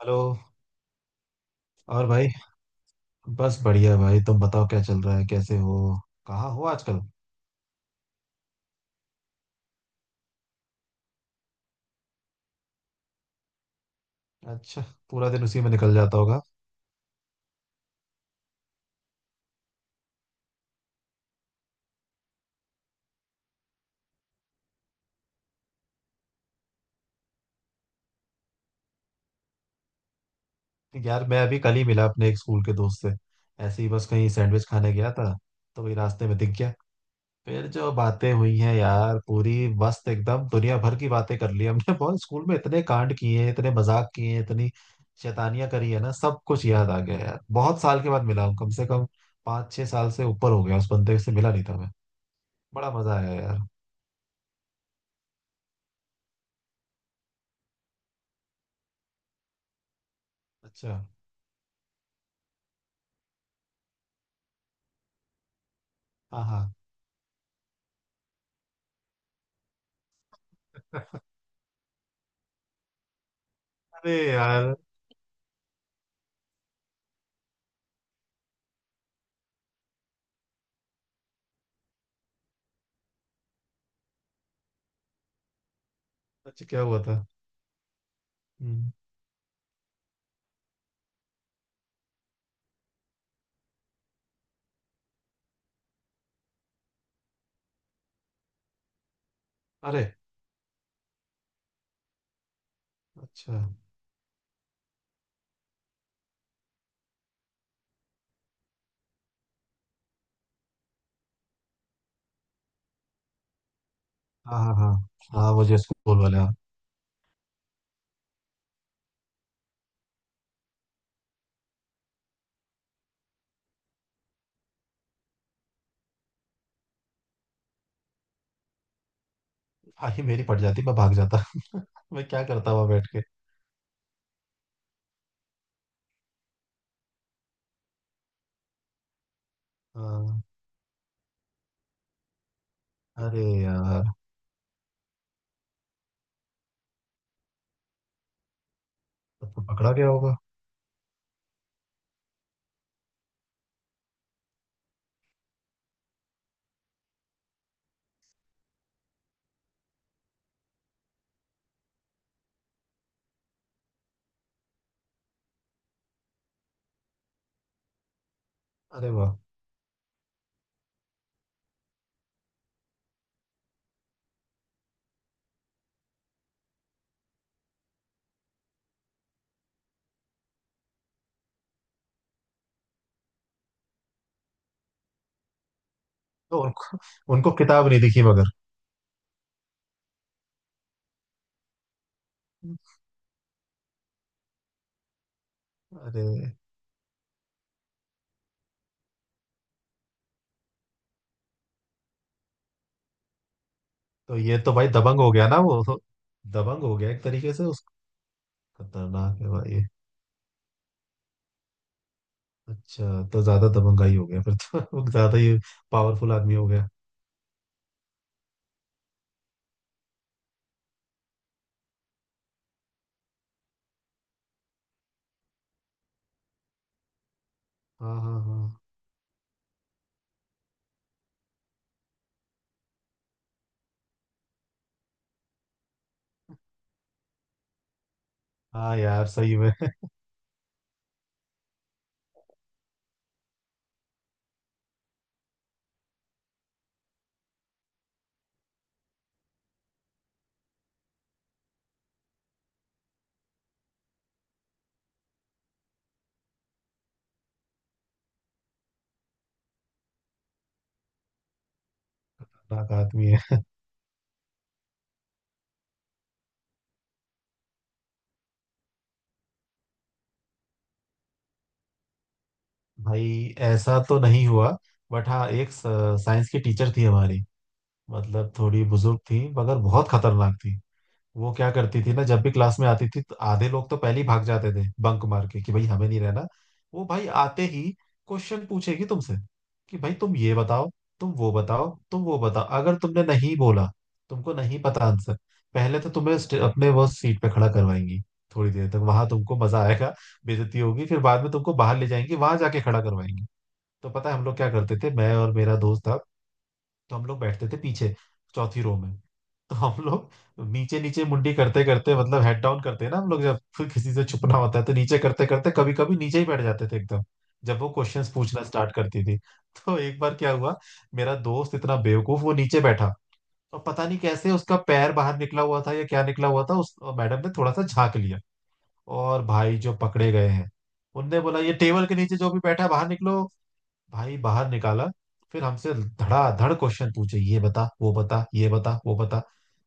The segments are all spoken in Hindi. हेलो। और भाई। बस बढ़िया भाई, तुम बताओ क्या चल रहा है, कैसे हो, कहाँ हो आजकल? अच्छा। पूरा दिन उसी में निकल जाता होगा। यार मैं अभी कल ही मिला अपने एक स्कूल के दोस्त से। ऐसे ही बस कहीं सैंडविच खाने गया था। तो वही रास्ते में दिख गया। फिर जो बातें हुई हैं यार पूरी मस्त, एकदम दुनिया भर की बातें कर ली हमने। बहुत स्कूल में इतने कांड किए हैं, इतने मजाक किए हैं, इतनी शैतानियां करी है ना, सब कुछ याद आ गया यार। बहुत साल के बाद मिला हूँ, कम से कम 5-6 साल से ऊपर हो गया उस बंदे से, मिला नहीं था मैं। बड़ा मजा आया यार। अच्छा। हाँ हाँ। अरे यार। अच्छा, क्या हुआ था? हम्म। अरे। अच्छा। हाँ हाँ हाँ हाँ, मुझे स्कूल वाले हाँ। हाँ, ये मेरी पड़ जाती, मैं भाग जाता। मैं क्या करता हुआ बैठ के। हाँ। अरे यार, तब तो पकड़ा गया होगा। अरे वाह। तो उनको उनको किताब नहीं दिखी मगर। अरे। तो ये तो भाई दबंग हो गया ना वो तो। दबंग हो गया एक तरीके से उस। खतरनाक है भाई ये। अच्छा, तो ज्यादा दबंगाई हो गया फिर। तो ज्यादा ही पावरफुल आदमी हो गया। हाँ हाँ हाँ। हाँ यार सही में। खतरनाक आदमी है। भाई ऐसा तो नहीं हुआ। बट हाँ एक साइंस की टीचर थी हमारी, मतलब थोड़ी बुजुर्ग थी मगर बहुत खतरनाक थी। वो क्या करती थी ना, जब भी क्लास में आती थी तो आधे लोग तो पहले ही भाग जाते थे, बंक मार के कि भाई हमें नहीं रहना। वो भाई आते ही क्वेश्चन पूछेगी तुमसे, कि भाई तुम ये बताओ, तुम वो बताओ, तुम वो बताओ। अगर तुमने नहीं बोला, तुमको नहीं पता आंसर, पहले तो तुम्हें अपने वो सीट पे खड़ा करवाएंगी, थोड़ी देर तक वहां तुमको मजा आएगा, बेइज्जती होगी, फिर बाद में तुमको बाहर ले जाएंगे, वहां जाके खड़ा करवाएंगे। तो पता है हम लोग क्या करते थे? मैं और मेरा दोस्त था, तो हम लोग बैठते थे पीछे चौथी रो में। तो हम लोग नीचे नीचे मुंडी करते करते, मतलब हेड डाउन करते हैं ना हम लोग, जब फिर किसी से छुपना होता है तो नीचे करते करते कभी कभी नीचे ही बैठ जाते थे एकदम, जब वो क्वेश्चंस पूछना स्टार्ट करती थी। तो एक बार क्या हुआ, मेरा दोस्त इतना बेवकूफ वो नीचे बैठा, और पता नहीं कैसे उसका पैर बाहर निकला हुआ था या क्या निकला हुआ था, उस मैडम ने थोड़ा सा झांक लिया, और भाई जो पकड़े गए हैं। उनने बोला ये टेबल के नीचे जो भी बैठा है, बाहर निकलो। भाई बाहर निकाला, फिर हमसे धड़ाधड़ क्वेश्चन पूछे, ये बता वो बता ये बता वो बता,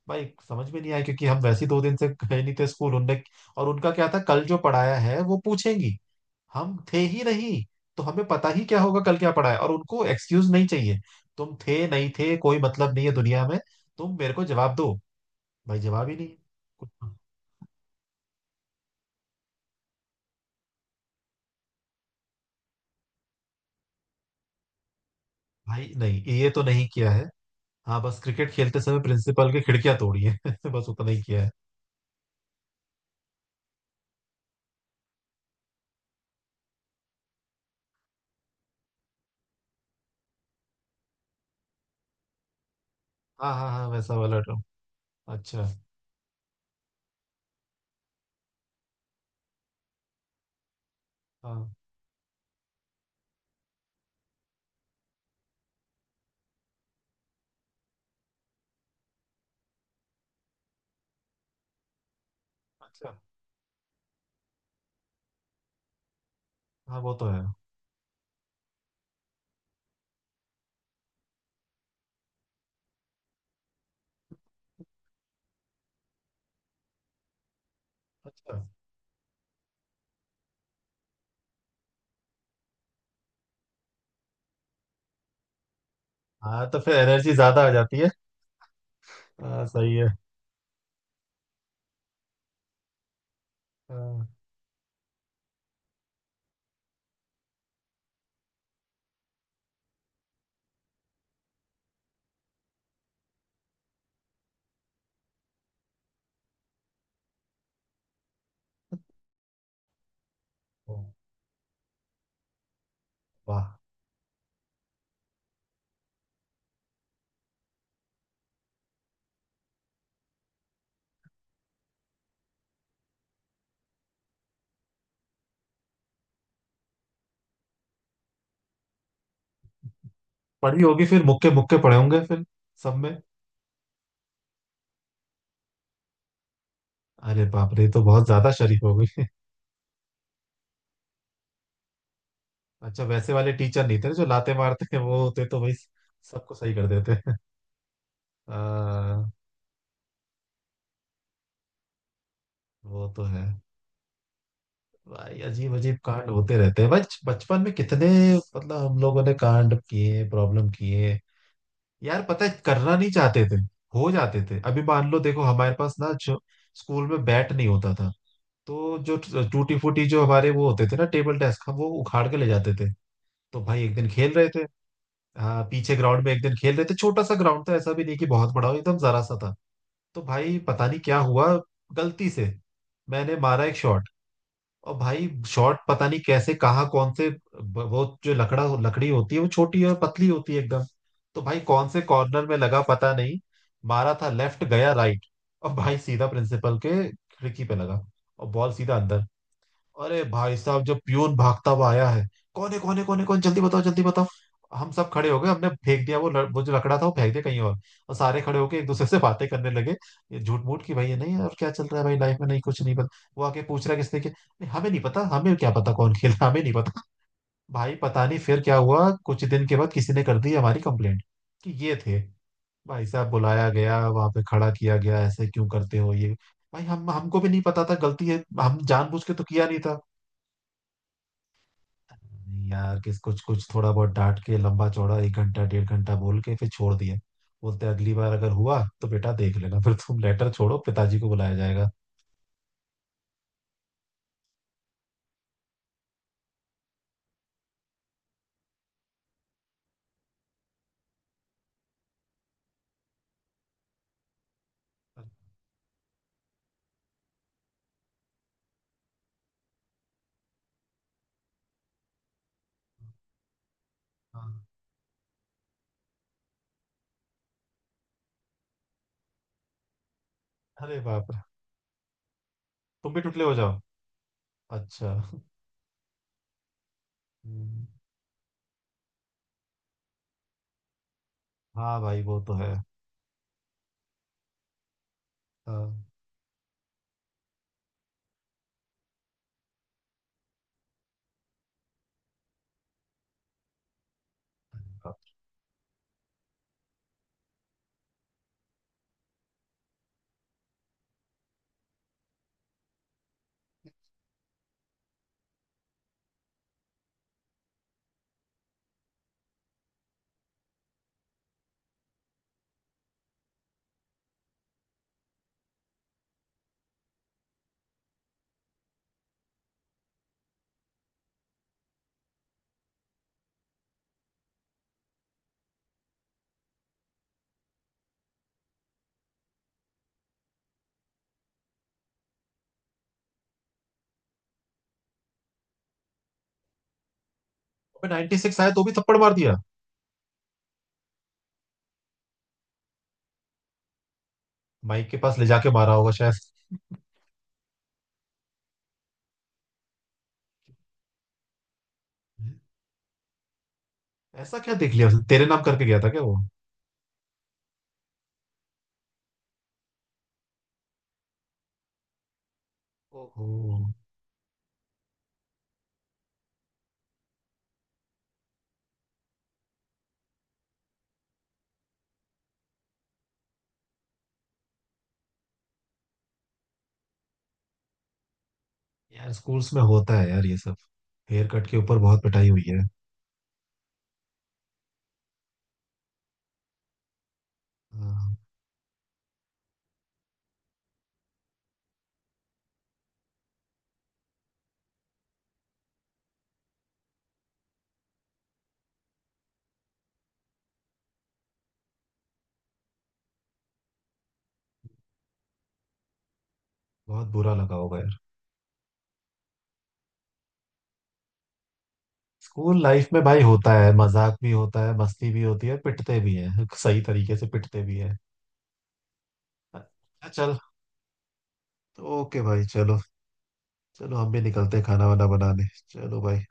भाई समझ में नहीं आया, क्योंकि हम वैसे ही 2 दिन से गए नहीं थे स्कूल उनने। और उनका क्या था, कल जो पढ़ाया है वो पूछेंगी, हम थे ही नहीं। तो हमें पता ही क्या होगा कल क्या पढ़ा है, और उनको एक्सक्यूज नहीं चाहिए। तुम थे नहीं थे कोई मतलब नहीं है दुनिया में, तुम मेरे को जवाब दो। भाई जवाब ही नहीं है कुछ। भाई नहीं, ये तो नहीं किया है। हाँ बस क्रिकेट खेलते समय प्रिंसिपल की खिड़कियां तोड़ी है। बस उतना ही किया है। हाँ हाँ हाँ वैसा वाला। अच्छा। हाँ। अच्छा। हाँ वो तो है। अच्छा। हाँ तो फिर एनर्जी ज्यादा आ जाती है। हाँ सही है। हाँ। ओ। वाह। पढ़ी होगी फिर, मुक्के मुक्के पड़े होंगे फिर सब में। अरे बाप रे, ये तो बहुत ज्यादा शरीफ हो गई। अच्छा, वैसे वाले टीचर नहीं थे ना जो लाते मारते हैं, वो होते तो भाई सबको सही कर देते। हाँ वो तो है। भाई अजीब अजीब कांड होते रहते हैं बच बचपन में कितने। मतलब हम लोगों ने कांड किए, प्रॉब्लम किए, यार पता है करना नहीं चाहते थे, हो जाते थे। अभी मान लो देखो, हमारे पास ना जो स्कूल में बैट नहीं होता था, तो जो टूटी फूटी जो हमारे वो होते थे ना टेबल डेस्क, हम वो उखाड़ के ले जाते थे। तो भाई एक दिन खेल रहे थे, हाँ पीछे ग्राउंड में एक दिन खेल रहे थे, छोटा सा ग्राउंड था, ऐसा भी नहीं कि बहुत बड़ा हो, एकदम जरा सा था। तो भाई पता नहीं क्या हुआ, गलती से मैंने मारा एक शॉट, और भाई शॉर्ट पता नहीं कैसे कहाँ कौन से, वो जो लकड़ा लकड़ी होती है वो छोटी और पतली होती है एकदम, तो भाई कौन से कॉर्नर में लगा पता नहीं, मारा था लेफ्ट गया राइट, और भाई सीधा प्रिंसिपल के खिड़की पे लगा, और बॉल सीधा अंदर। अरे भाई साहब, जब प्यून भागता हुआ आया है, कौन है कौन है कौन है कौन, जल्दी बताओ जल्दी बताओ। हम सब खड़े हो गए, हमने फेंक दिया वो वो जो लकड़ा था वो फेंक दिया कहीं और सारे खड़े होके एक दूसरे से बातें करने लगे, ये झूठ मूठ की, भाई ये नहीं है, और क्या चल रहा है भाई लाइफ में, नहीं कुछ नहीं पता। वो आके पूछ रहा है किसने किया, नहीं, हमें नहीं पता, हमें क्या पता कौन खेला, हमें नहीं पता। भाई पता नहीं फिर क्या हुआ, कुछ दिन के बाद किसी ने कर दी हमारी कंप्लेंट, कि ये थे। भाई साहब बुलाया गया, वहां पे खड़ा किया गया, ऐसे क्यों करते हो ये। भाई हम हमको भी नहीं पता था गलती है, हम जानबूझ के तो किया नहीं था। यार किस कुछ कुछ थोड़ा बहुत डांट के, लंबा चौड़ा 1 घंटा 1.5 घंटा बोल के फिर छोड़ दिया। बोलते अगली बार अगर हुआ तो बेटा देख लेना, फिर तुम लेटर छोड़ो, पिताजी को बुलाया जाएगा। हाँ। अरे बाप रे। तुम भी टुटले हो जाओ। अच्छा। हम्म। हाँ भाई वो तो है। हाँ 96 आया तो भी थप्पड़ मार दिया। माइक के पास ले जाके मारा होगा शायद। ऐसा क्या देख लिया उसने? तेरे नाम करके गया था क्या वो? ओहो। यार स्कूल्स में होता है यार ये सब, हेयर कट के ऊपर बहुत पिटाई हुई है। हाँ। बहुत बुरा लगा होगा यार। स्कूल लाइफ में भाई होता है, मजाक भी होता है, मस्ती भी होती है, पिटते भी हैं। सही तरीके से पिटते भी हैं। अच्छा चल। तो ओके भाई चलो। चलो हम भी निकलते हैं खाना वाना बनाने, चलो भाई।